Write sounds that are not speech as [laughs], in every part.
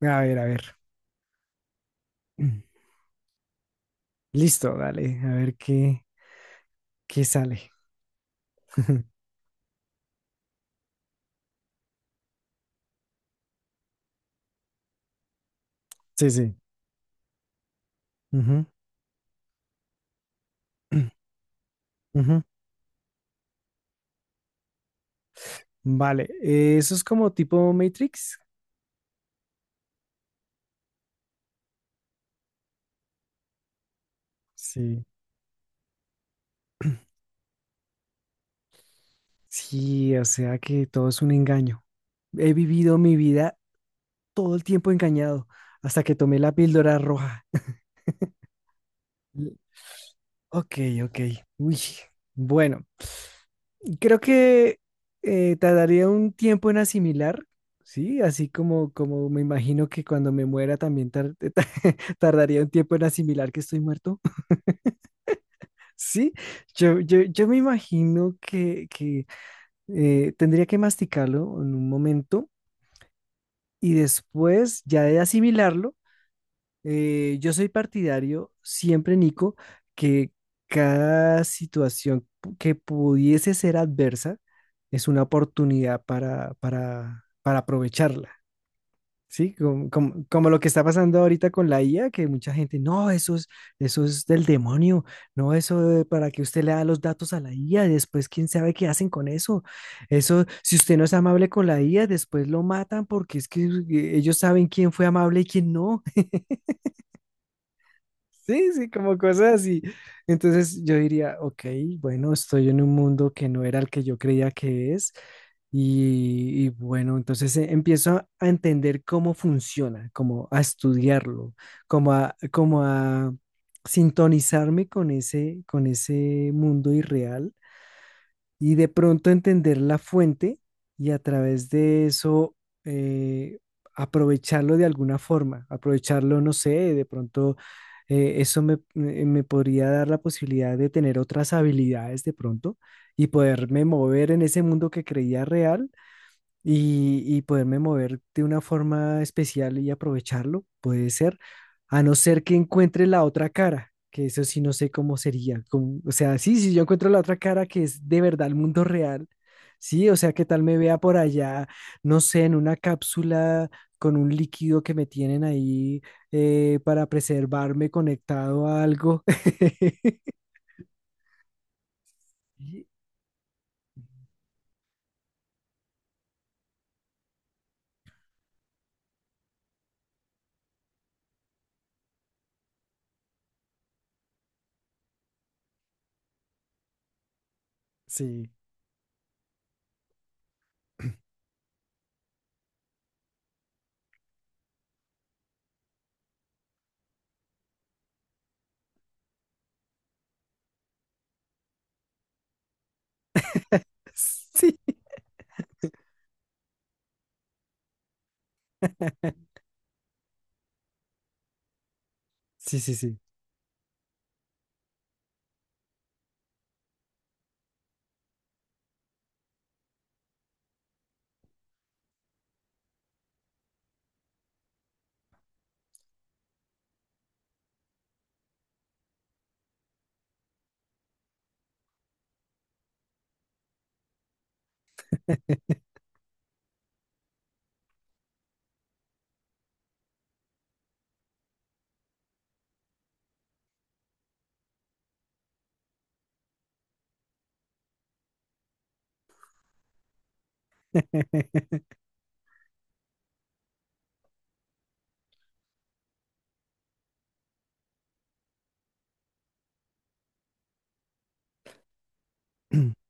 A ver, a ver. [clears throat] Listo, dale, a ver qué sale. [laughs] Sí, sí. Ujú, [clears throat] ujú. Vale, eso es como tipo Matrix. Sí. [clears throat] Sí, o sea que todo es un engaño. He vivido mi vida todo el tiempo engañado, hasta que tomé la píldora roja. [laughs] L- Ok, ok. Uy. Bueno, creo que tardaría un tiempo en asimilar, ¿sí? Así como me imagino que cuando me muera también [laughs] tardaría un tiempo en asimilar que estoy muerto, [laughs] ¿sí? Yo me imagino que, tendría que masticarlo en un momento y después ya de asimilarlo. Yo soy partidario siempre, Nico, que cada situación que pudiese ser adversa es una oportunidad para aprovecharla, ¿sí? Como, como lo que está pasando ahorita con la IA, que mucha gente, no, eso es del demonio, no, para que usted le da los datos a la IA, y después quién sabe qué hacen con eso. Eso, si usted no es amable con la IA, después lo matan porque es que ellos saben quién fue amable y quién no. Sí, sí, como cosas así. Entonces yo diría, ok, bueno, estoy en un mundo que no era el que yo creía que es. Y bueno, entonces empiezo a entender cómo funciona, como a estudiarlo, como a sintonizarme con ese mundo irreal y de pronto entender la fuente y a través de eso eh, aprovecharlo de alguna forma, aprovecharlo, no sé, de pronto eso me podría dar la posibilidad de tener otras habilidades de pronto y poderme mover en ese mundo que creía real y poderme mover de una forma especial y aprovecharlo, puede ser, a no ser que encuentre la otra cara, que eso sí no sé cómo sería, o sea, sí, si yo encuentro la otra cara que es de verdad el mundo real, sí, o sea, que tal me vea por allá, no sé, en una cápsula con un líquido que me tienen ahí para preservarme conectado a algo. [laughs] Sí, sí, sí, [laughs] sí, sí. [clears throat]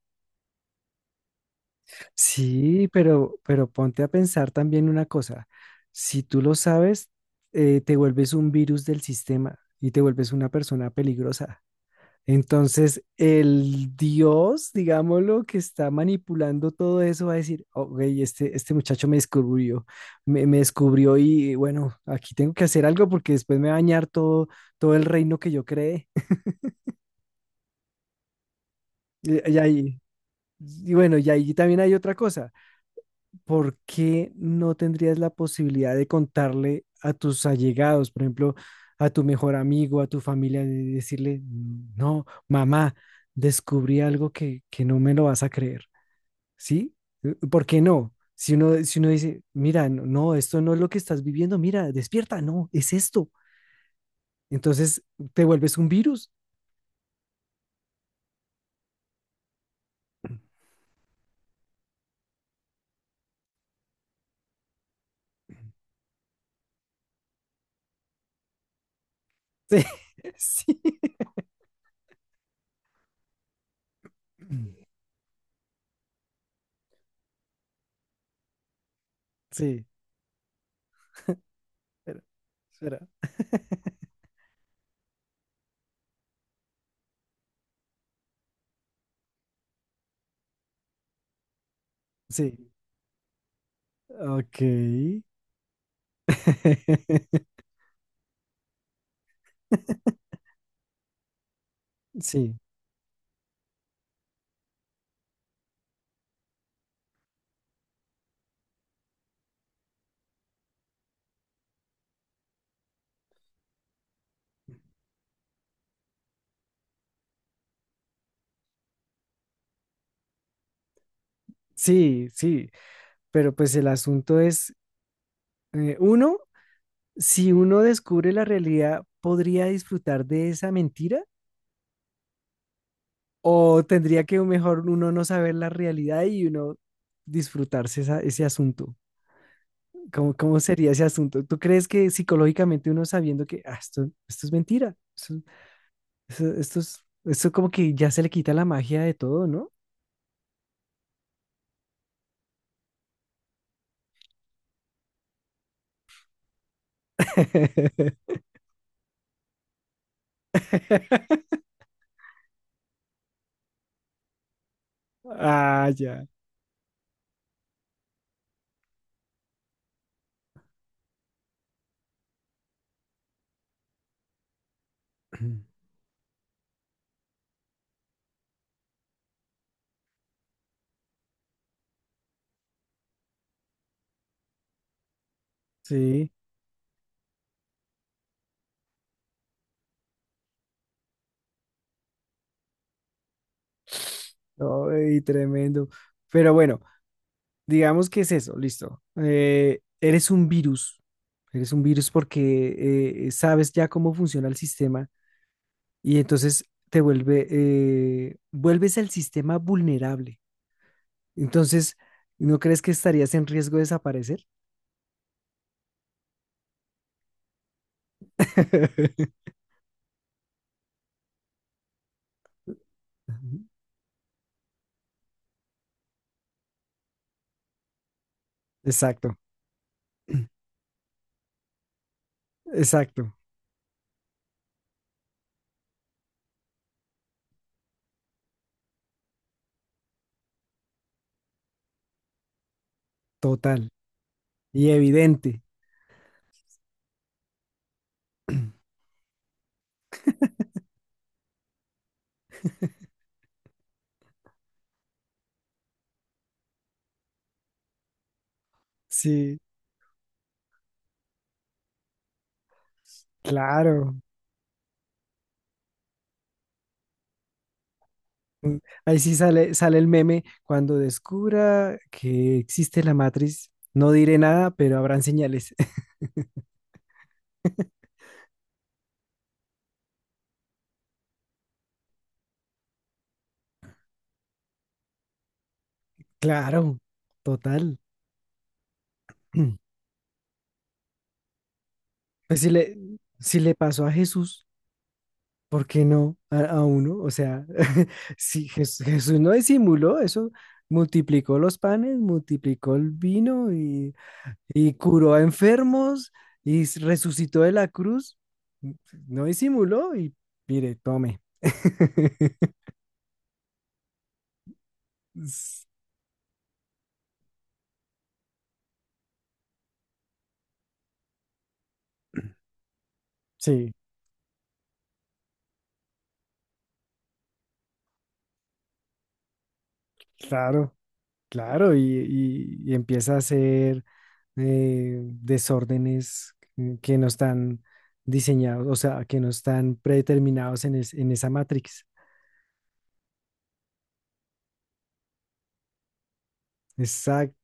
Sí, pero ponte a pensar también una cosa. Si tú lo sabes, te vuelves un virus del sistema y te vuelves una persona peligrosa. Entonces, el Dios, digámoslo, que está manipulando todo eso, va a decir, ok, este muchacho me descubrió, me descubrió y bueno, aquí tengo que hacer algo porque después me va a dañar todo, todo el reino que yo creé. [laughs] Y ahí, y bueno, y ahí también hay otra cosa. ¿Por qué no tendrías la posibilidad de contarle a tus allegados, por ejemplo, a tu mejor amigo, a tu familia, de decirle, no, mamá, descubrí algo que no me lo vas a creer, ¿sí? ¿Por qué no? Si uno dice, mira, no, no, esto no es lo que estás viviendo, mira, despierta, no, es esto. Entonces te vuelves un virus. [laughs] Sí, sí, sí, espera, espera. Sí, ok. [laughs] Sí. Sí, sí, pero pues el asunto es, uno, si uno descubre la realidad, ¿podría disfrutar de esa mentira? ¿O tendría que mejor uno no saber la realidad y uno disfrutarse ese asunto? ¿Cómo sería ese asunto? ¿Tú crees que psicológicamente uno sabiendo que "Ah, esto es mentira? Esto es, esto como que ya se le quita la magia de todo, ¿no? [laughs] Ah, ya. [clears throat] Sí, no, y tremendo. Pero bueno. Digamos que es eso, listo. Eres un virus, eres un virus porque sabes ya cómo funciona el sistema y entonces vuelves el sistema vulnerable. Entonces, ¿no crees que estarías en riesgo de desaparecer? [laughs] Ujú. Exacto, [clears throat] exacto, total y evidente. Sí, claro. Mm, ahí sí sale el meme cuando descubra que existe la matriz. No diré nada, pero habrán señales. Claro, total. [clears throat] Pues si le pasó a Jesús, ¿por qué no a, a uno? O sea, [laughs] si Jesús no disimuló eso, multiplicó los panes, multiplicó el vino y curó a enfermos y resucitó de la cruz. mm, No disimuló y mire, tome. [laughs] S- Sí, claro, claro, y, y empieza a hacer desórdenes que no están diseñados, o sea, que no están predeterminados en, en esa matrix. Exacto,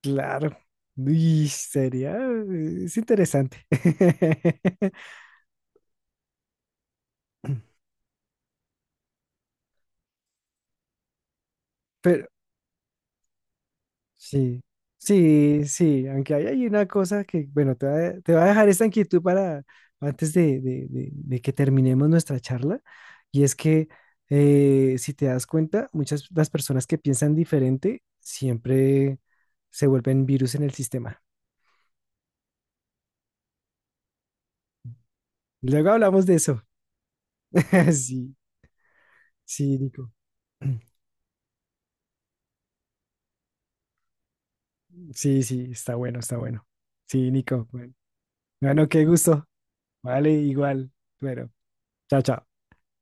claro. Y sería, es interesante. [laughs] Pero, Sí, sí, sí, aunque hay una cosa que, bueno, te va a dejar esta inquietud para antes de que terminemos nuestra charla, y es que si te das cuenta, muchas las personas que piensan diferente siempre se vuelven virus en el sistema. Luego hablamos de eso. [laughs] Sí, sí, Nico. [clears throat] Sí, sí, está bueno, está bueno. Sí, Nico. Bueno, bueno, qué gusto. Vale, igual. Bueno, chao, chao.